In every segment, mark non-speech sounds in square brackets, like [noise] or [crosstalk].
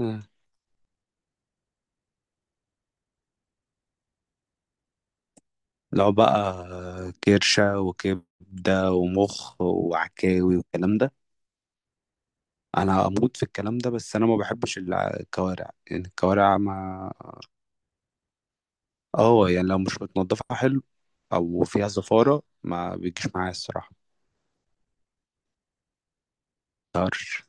مم. لو بقى كرشة وكبدة ومخ وعكاوي والكلام ده، أنا أموت في الكلام ده، بس أنا ما بحبش الكوارع، يعني الكوارع ما... اه يعني لو مش متنضفة حلو، أو فيها زفارة ما بيجيش معايا الصراحة. طرش.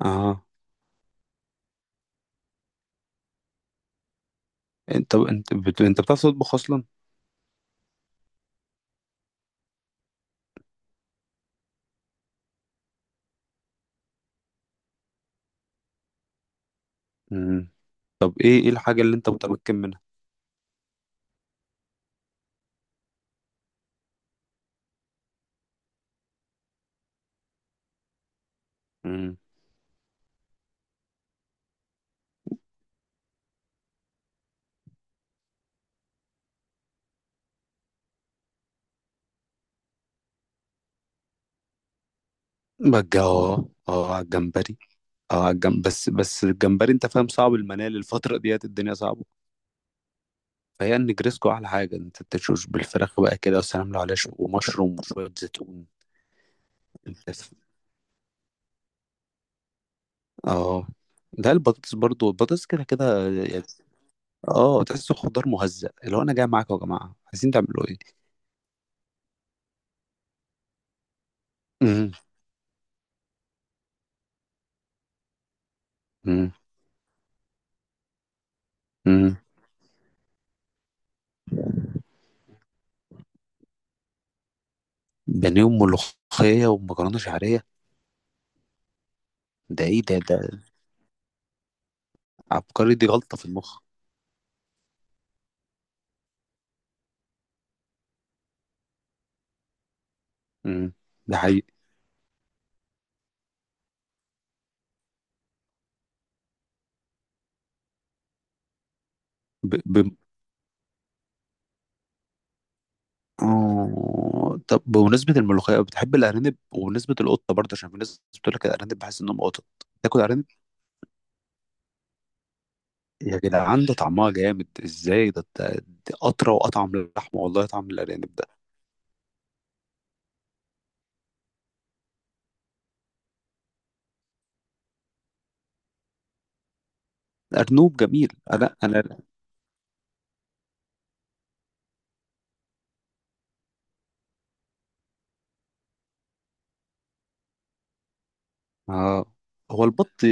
اه انت بتعرف تطبخ أصلا؟ مم. طب، ايه الحاجة اللي انت متمكن منها؟ مم. بجا، على الجمبري. اه على بس الجمبري، انت فاهم، صعب المنال الفترة ديت، الدنيا صعبة، فهي النجريسكو احلى حاجه. انت تشوش بالفراخ بقى كده والسلام، لو عليها ومشروم وشويه زيتون بس. اه ده البطاطس، برضو البطاطس كده كده اه تحسه خضار مهزأ، اللي هو انا جاي معاكم يا جماعه، عايزين تعملوا ايه؟ امم. امم. امم بانيه وملوخيه ومكرونه شعريه؟ ده ايه ده؟ عبقري دي غلطه في المخ. امم، ده حقيقي. ب... ب... آه، طب، بمناسبة الملوخية بتحب الأرانب، وبمناسبة القطة برضه، عشان في ناس بتقول لك الأرانب بحس إنهم قطط. تاكل أرانب؟ يا جدعان، ده طعمها جامد ازاي! دي اطرى واطعم للحمه، والله طعم الارانب ده. الارنوب جميل، انا انا آه هو البط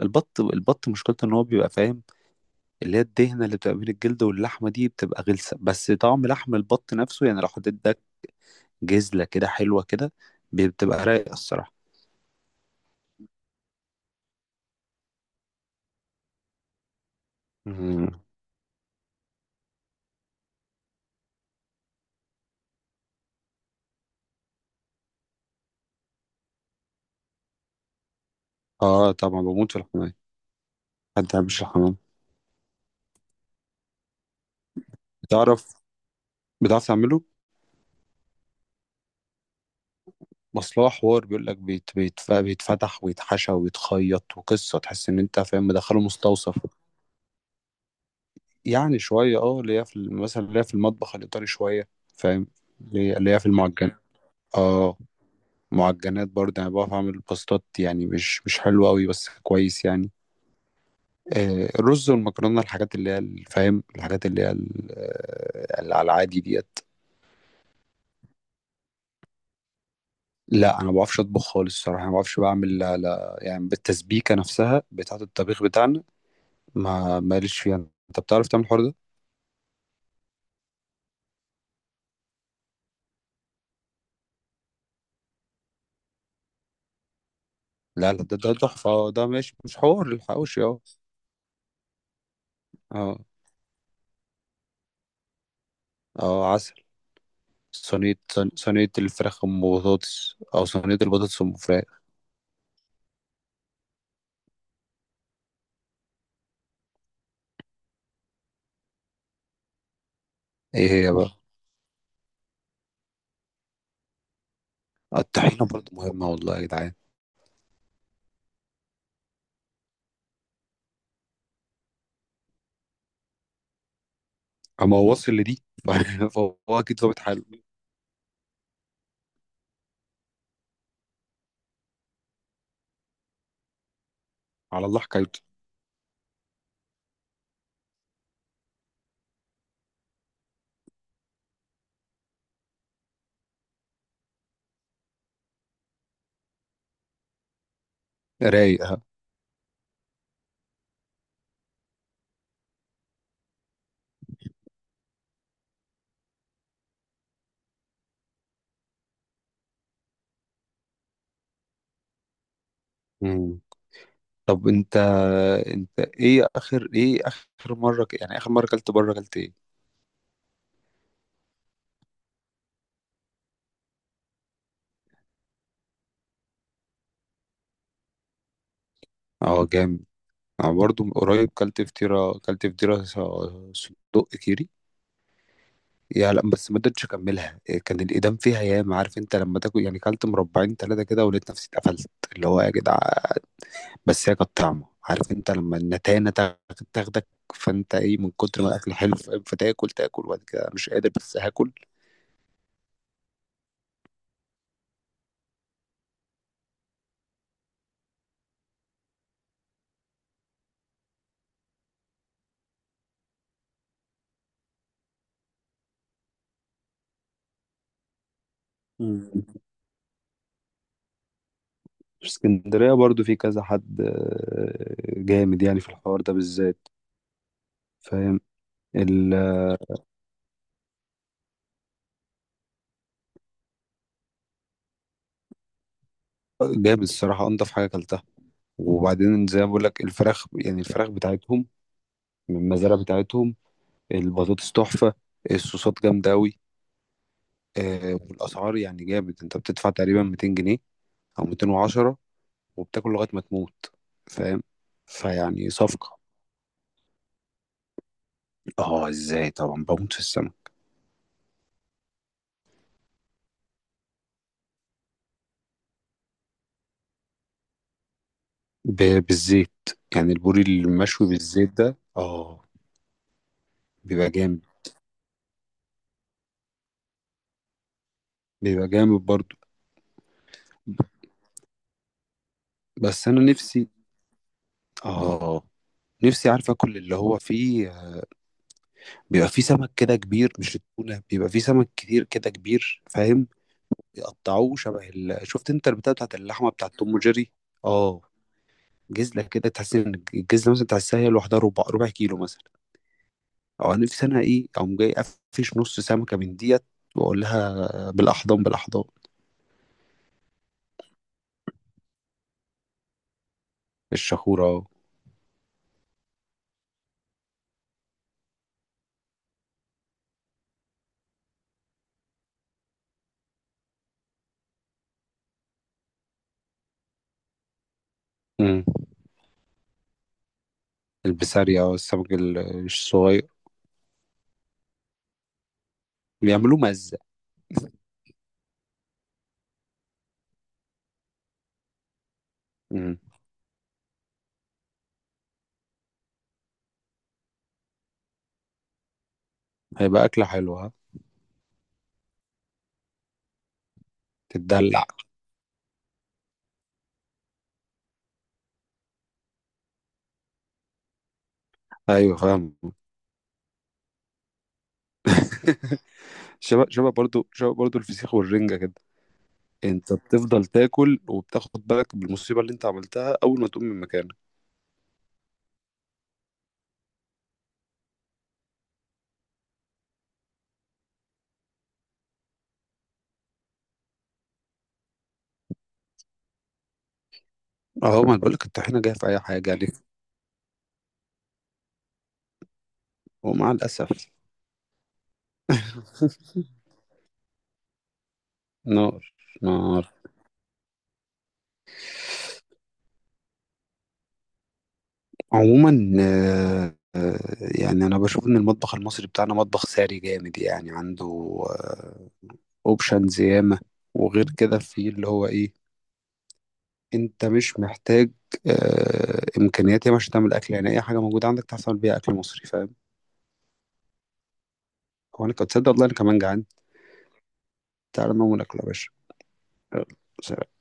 البط البط مشكلته ان هو بيبقى فاهم، اللي هي الدهنه اللي بتبقى بين الجلد واللحمه دي بتبقى غلسه، بس طعم لحم البط نفسه، يعني لو حطيت ده جزله كده حلوه كده، بتبقى رايقه الصراحه. مم. اه، طبعا بموت في الحمام. حد ما بيحبش الحمام؟ بتعرف بتعرف تعمله؟ اصل هو حوار بيقول لك، بيت بيتفتح ويتحشى ويتخيط وقصه، تحس ان انت فاهم مدخله مستوصف. يعني شويه، اللي هي في مثلا اللي هي في المطبخ الايطالي، شويه فاهم، اللي هي في المعجنات. اه، معجنات برضه، يعني بعرف اعمل باستات، يعني مش حلوه قوي بس كويس يعني. الرز والمكرونه، الحاجات اللي هي فاهم، الحاجات اللي هي اللي على العادي ديت. لا، انا ما بعرفش اطبخ خالص الصراحه، ما بعرفش بعمل، لا لا يعني بالتسبيكه نفسها بتاعه الطبيخ بتاعنا، ما ماليش فيها. انت بتعرف تعمل الحوار ده؟ لا لا، ده تحفه، ده ماشي، مش حوار الحواوشي اه. اه، اه، عسل. صينية الفراخ أم بطاطس، أو صينية البطاطس أم فراخ. إيه هي بقى؟ الطحينة برضه مهمة والله يا جدعان. أما هو واصل لدي [laughs] فهو أكيد ظابط حاله. على الله حكايته. رايق، ها. مم. طب، أنت إيه؟ آخر مرة يعني آخر مرة كلت بره، كلت إيه؟ أه، جامد. أنا برضه من قريب كلت فطيرة، صدق كيري. يا لا، بس ما قدرتش اكملها، كان الايدام فيها ياما، عارف انت لما تاكل يعني، كلت مربعين ثلاثه كده، ولقيت نفسي اتقفلت، اللي هو يا جدع. بس هي كانت طعمه، عارف انت لما النتانه تاخدك، فانت ايه، من كتر ما الاكل حلو، فتاكل وبعد كده مش قادر، بس هاكل. مم. في اسكندريه برضو في كذا حد جامد، يعني في الحوار ده بالذات، فاهم ال- جامد الصراحه، انضف حاجه اكلتها. وبعدين زي ما بقول لك، الفراخ يعني الفراخ بتاعتهم من المزارع بتاعتهم. البطاطس تحفة، الصوصات جامدة أوي. والأسعار يعني جامد، أنت بتدفع تقريبا 200 جنيه أو 210، وبتاكل لغاية ما تموت، فاهم، فيعني صفقة. اه، ازاي، طبعا بموت في السمك. بالزيت، يعني البوري المشوي بالزيت ده اه. بيبقى جامد، بيبقى جامد برضو. بس أنا نفسي، اه نفسي عارف اكل اللي هو فيه، بيبقى فيه سمك كده كبير، مش التونة، بيبقى فيه سمك كتير كده كبير فاهم، يقطعوه شبه شفت انت البتاع بتاعت اللحمه بتاعت توم وجيري. اه، جزله كده تحس ان الجزله مثلا بتاعت هي لوحدها، ربع كيلو مثلا. او انا نفسي، انا ايه، اقوم جاي قفش نص سمكه من ديت، واقول لها بالاحضان بالاحضان. الشخوره اه. امم. البسارية اه، السمك الصغير، بيعملوه مزه. امم. هيبقى اكله حلوه، ها. تتدلع. ايوه فاهم. [laughs] شبه برضو، شبه برضو الفسيخ والرنجه كده. انت بتفضل تاكل، وبتاخد بالك بالمصيبه اللي انت عملتها اول ما تقوم من مكانك. اهو، ما أنا بقولك الطحينه جايه في اي حاجه عليك. ومع الاسف. [laughs] نار. نار. عموما، يعني انا بشوف ان المطبخ المصري بتاعنا مطبخ ساري جامد، يعني عنده اوبشنز ياما. وغير كده، في اللي هو ايه، انت مش محتاج امكانيات ياما عشان تعمل اكل، يعني اي حاجه موجوده عندك تعرف تعمل بيها اكل مصري فاهم. هو انا كنت، تصدق والله انا كمان جعان. تعالى نقوم ناكل يا باشا. يلا، سلام.